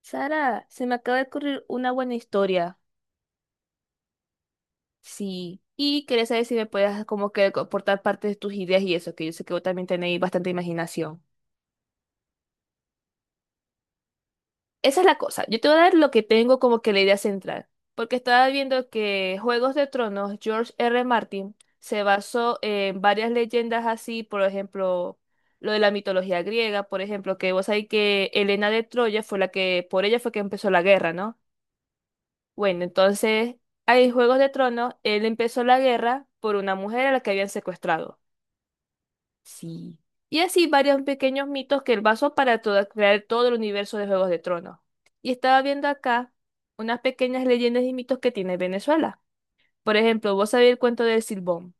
Sara, se me acaba de ocurrir una buena historia. Sí. Y quería saber si me puedes como que aportar parte de tus ideas y eso, que yo sé que vos también tenéis bastante imaginación. Esa es la cosa. Yo te voy a dar lo que tengo como que la idea central. Porque estaba viendo que Juegos de Tronos, George R. Martin, se basó en varias leyendas así, por ejemplo, lo de la mitología griega, por ejemplo, que vos sabés que Helena de Troya fue la que, por ella fue que empezó la guerra, ¿no? Bueno, entonces, ahí en Juegos de Tronos, él empezó la guerra por una mujer a la que habían secuestrado. Sí. Y así varios pequeños mitos que él basó para crear todo el universo de Juegos de Tronos. Y estaba viendo acá unas pequeñas leyendas y mitos que tiene Venezuela. Por ejemplo, vos sabés el cuento del Silbón,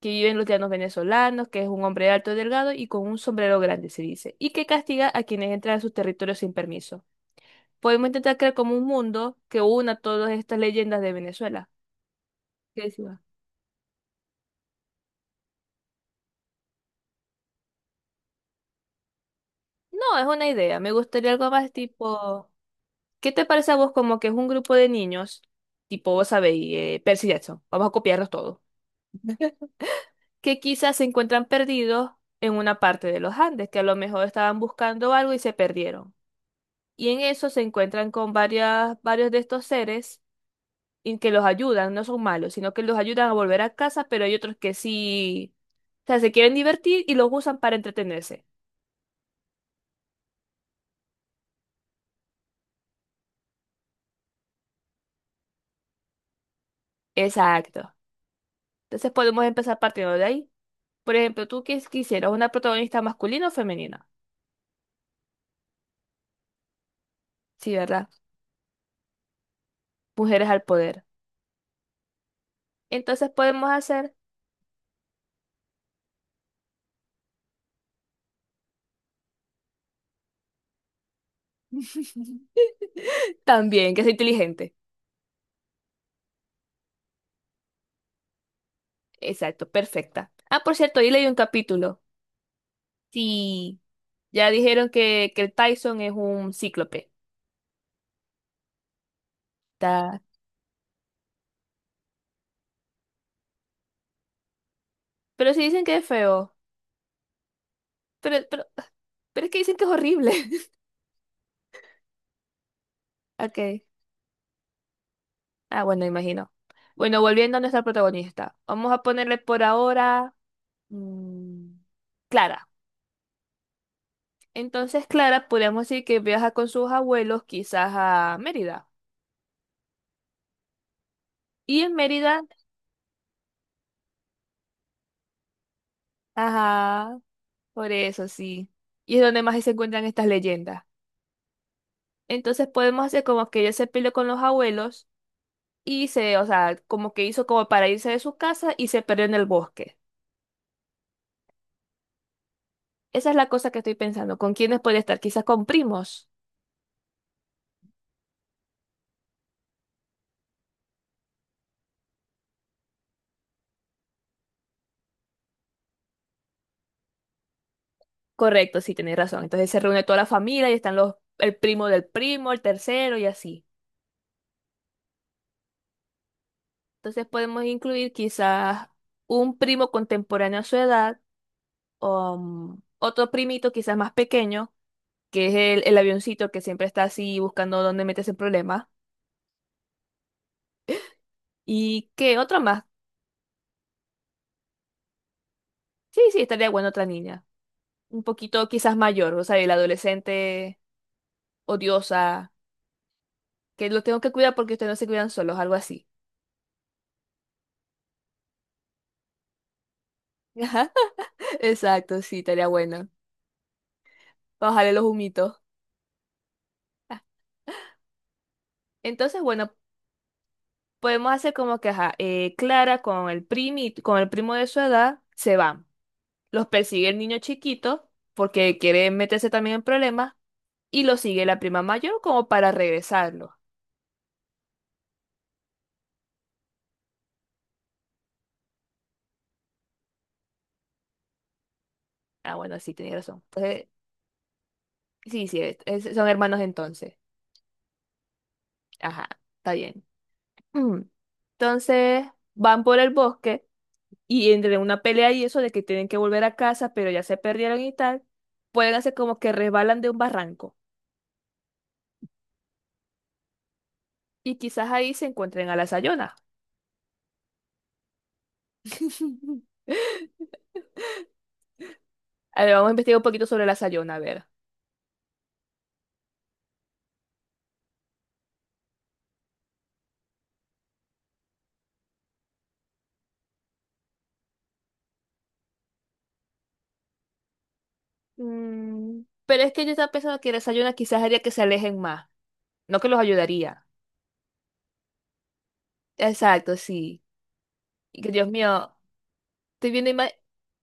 que vive en los llanos venezolanos, que es un hombre alto y delgado y con un sombrero grande, se dice, y que castiga a quienes entran a sus territorios sin permiso. Podemos intentar crear como un mundo que una todas estas leyendas de Venezuela. ¿Qué decías? No, es una idea. Me gustaría algo más tipo, ¿qué te parece a vos como que es un grupo de niños, tipo, vos sabéis, Percy Jackson, vamos a copiarlos todos, que quizás se encuentran perdidos en una parte de los Andes, que a lo mejor estaban buscando algo y se perdieron. Y en eso se encuentran con varios de estos seres y que los ayudan, no son malos, sino que los ayudan a volver a casa, pero hay otros que sí, o sea, se quieren divertir y los usan para entretenerse. Exacto. Entonces podemos empezar partiendo de ahí. Por ejemplo, tú qué quisieras una protagonista masculina o femenina. Sí, ¿verdad? Mujeres al poder. Entonces podemos hacer también que sea inteligente. Exacto, perfecta. Ah, por cierto, ahí leí un capítulo. Sí, ya dijeron que el Tyson es un cíclope. Ta- Pero sí dicen que es feo. Pero, pero, pero es que dicen que es horrible. Ok. Ah, bueno, imagino. Bueno, volviendo a nuestra protagonista. Vamos a ponerle por ahora mm, Clara. Entonces Clara, podríamos decir que viaja con sus abuelos quizás a Mérida. Y en Mérida, ajá, por eso sí. Y es donde más se encuentran estas leyendas. Entonces podemos hacer como que ella se peleó con los abuelos y se, o sea, como que hizo como para irse de su casa y se perdió en el bosque. Esa es la cosa que estoy pensando. ¿Con quiénes podría estar? Quizás con primos. Correcto, sí, tenés razón. Entonces se reúne toda la familia y están los, el primo del primo, el tercero y así. Entonces podemos incluir quizás un primo contemporáneo a su edad o otro primito quizás más pequeño, que es el avioncito que siempre está así buscando dónde meterse en problemas. ¿Y qué otro más? Sí, sí, estaría bueno otra niña. Un poquito quizás mayor, o sea, el adolescente odiosa, que lo tengo que cuidar porque ustedes no se cuidan solos, algo así. Ajá, exacto, sí, estaría bueno. Bajarle los humitos. Entonces, bueno, podemos hacer como que, ajá, Clara con el primi, con el primo de su edad se van. Los persigue el niño chiquito porque quiere meterse también en problemas y lo sigue la prima mayor como para regresarlo. Ah, bueno, sí, tenía razón. Entonces, sí, sí, son hermanos entonces. Ajá, está bien. Mm. Entonces, van por el bosque y entre una pelea y eso de que tienen que volver a casa, pero ya se perdieron y tal, pueden hacer como que resbalan de un barranco y quizás ahí se encuentren a la Sayona. A ver, vamos a investigar un poquito sobre la Sayona, a ver. Mm, pero es que yo estaba pensando que la Sayona quizás haría que se alejen más, no que los ayudaría. Exacto, sí. Y que Dios mío, estoy viendo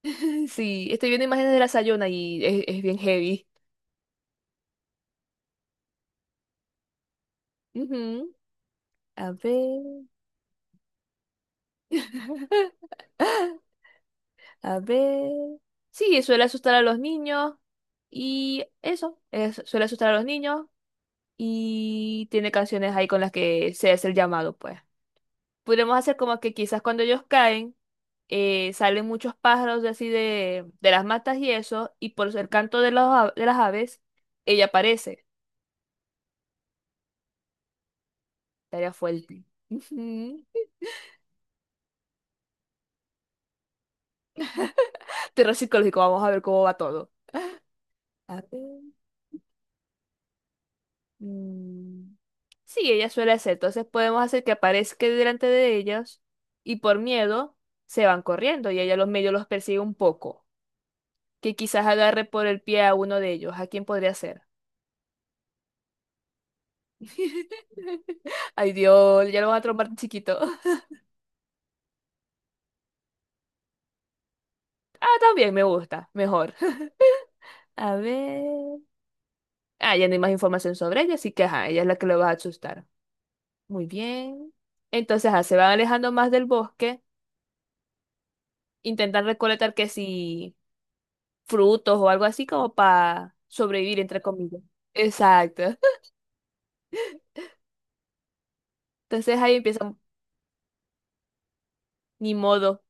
sí, estoy viendo imágenes de la Sayona y es bien heavy. Ujú. A ver. A ver. Sí, suele asustar a los niños. Y eso, suele asustar a los niños. Y tiene canciones ahí con las que se hace el llamado, pues. Podríamos hacer como que quizás cuando ellos caen, salen muchos pájaros de así de las matas y eso, y por el canto de, de las aves, ella aparece. Estaría fuerte. Ujú. Terror psicológico, vamos a ver cómo va todo. A ver, mm. Sí, ella suele hacer. Entonces podemos hacer que aparezca delante de ellos y por miedo se van corriendo y ella los medio los persigue un poco. Que quizás agarre por el pie a uno de ellos. ¿A quién podría ser? Ay, Dios, ya lo van a trompar de chiquito. Ah, también me gusta, mejor. A ver. Ah, ya no hay más información sobre ella, así que ajá, ella es la que lo va a asustar. Muy bien. Entonces, ah, se van alejando más del bosque, intentan recolectar que si frutos o algo así como para sobrevivir, entre comillas. Exacto. Entonces ahí empiezan, ni modo.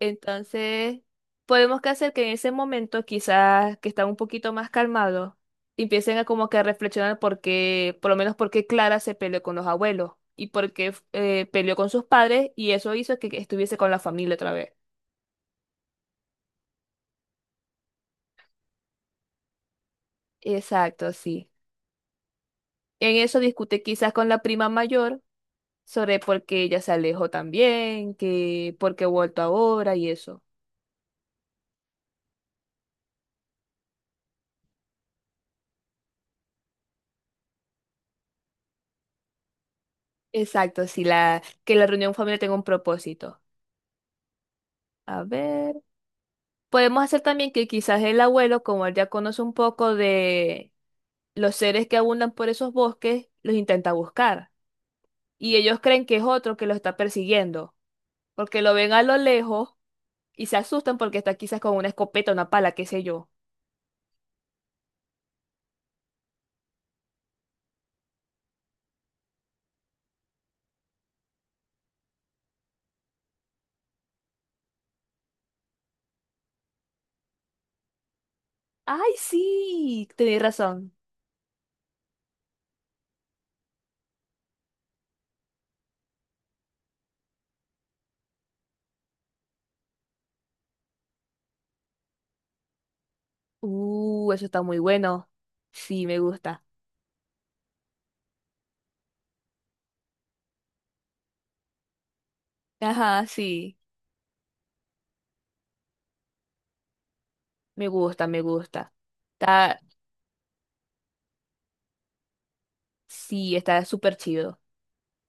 Entonces, podemos que hacer que en ese momento, quizás que están un poquito más calmados, empiecen a como que a reflexionar por qué, por lo menos por qué Clara se peleó con los abuelos y por qué peleó con sus padres y eso hizo que estuviese con la familia otra vez. Exacto, sí. En eso discute quizás con la prima mayor sobre por qué ella se alejó también, que por qué ha vuelto ahora y eso. Exacto, sí, la, que la reunión familiar tenga un propósito. A ver. Podemos hacer también que quizás el abuelo, como él ya conoce un poco de los seres que abundan por esos bosques, los intenta buscar. Y ellos creen que es otro que los está persiguiendo, porque lo ven a lo lejos y se asustan porque está quizás con una escopeta, una pala, qué sé yo. ¡Ay, sí! Tenés razón. Eso está muy bueno. Sí, me gusta. Ajá, sí. Me gusta, me gusta. Está, sí, está súper chido.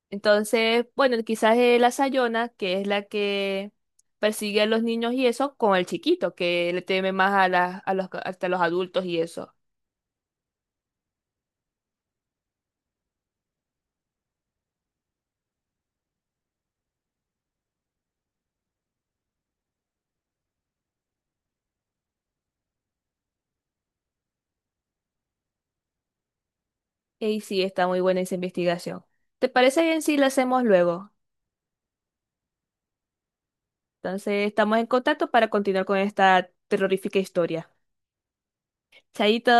Entonces, bueno, quizás es la Sayona, que es la que persigue a los niños y eso, con el chiquito, que le teme más a, las a los, hasta los adultos y eso. Y sí, está muy buena esa investigación. ¿Te parece bien si la hacemos luego? Entonces, estamos en contacto para continuar con esta terrorífica historia. Chaito.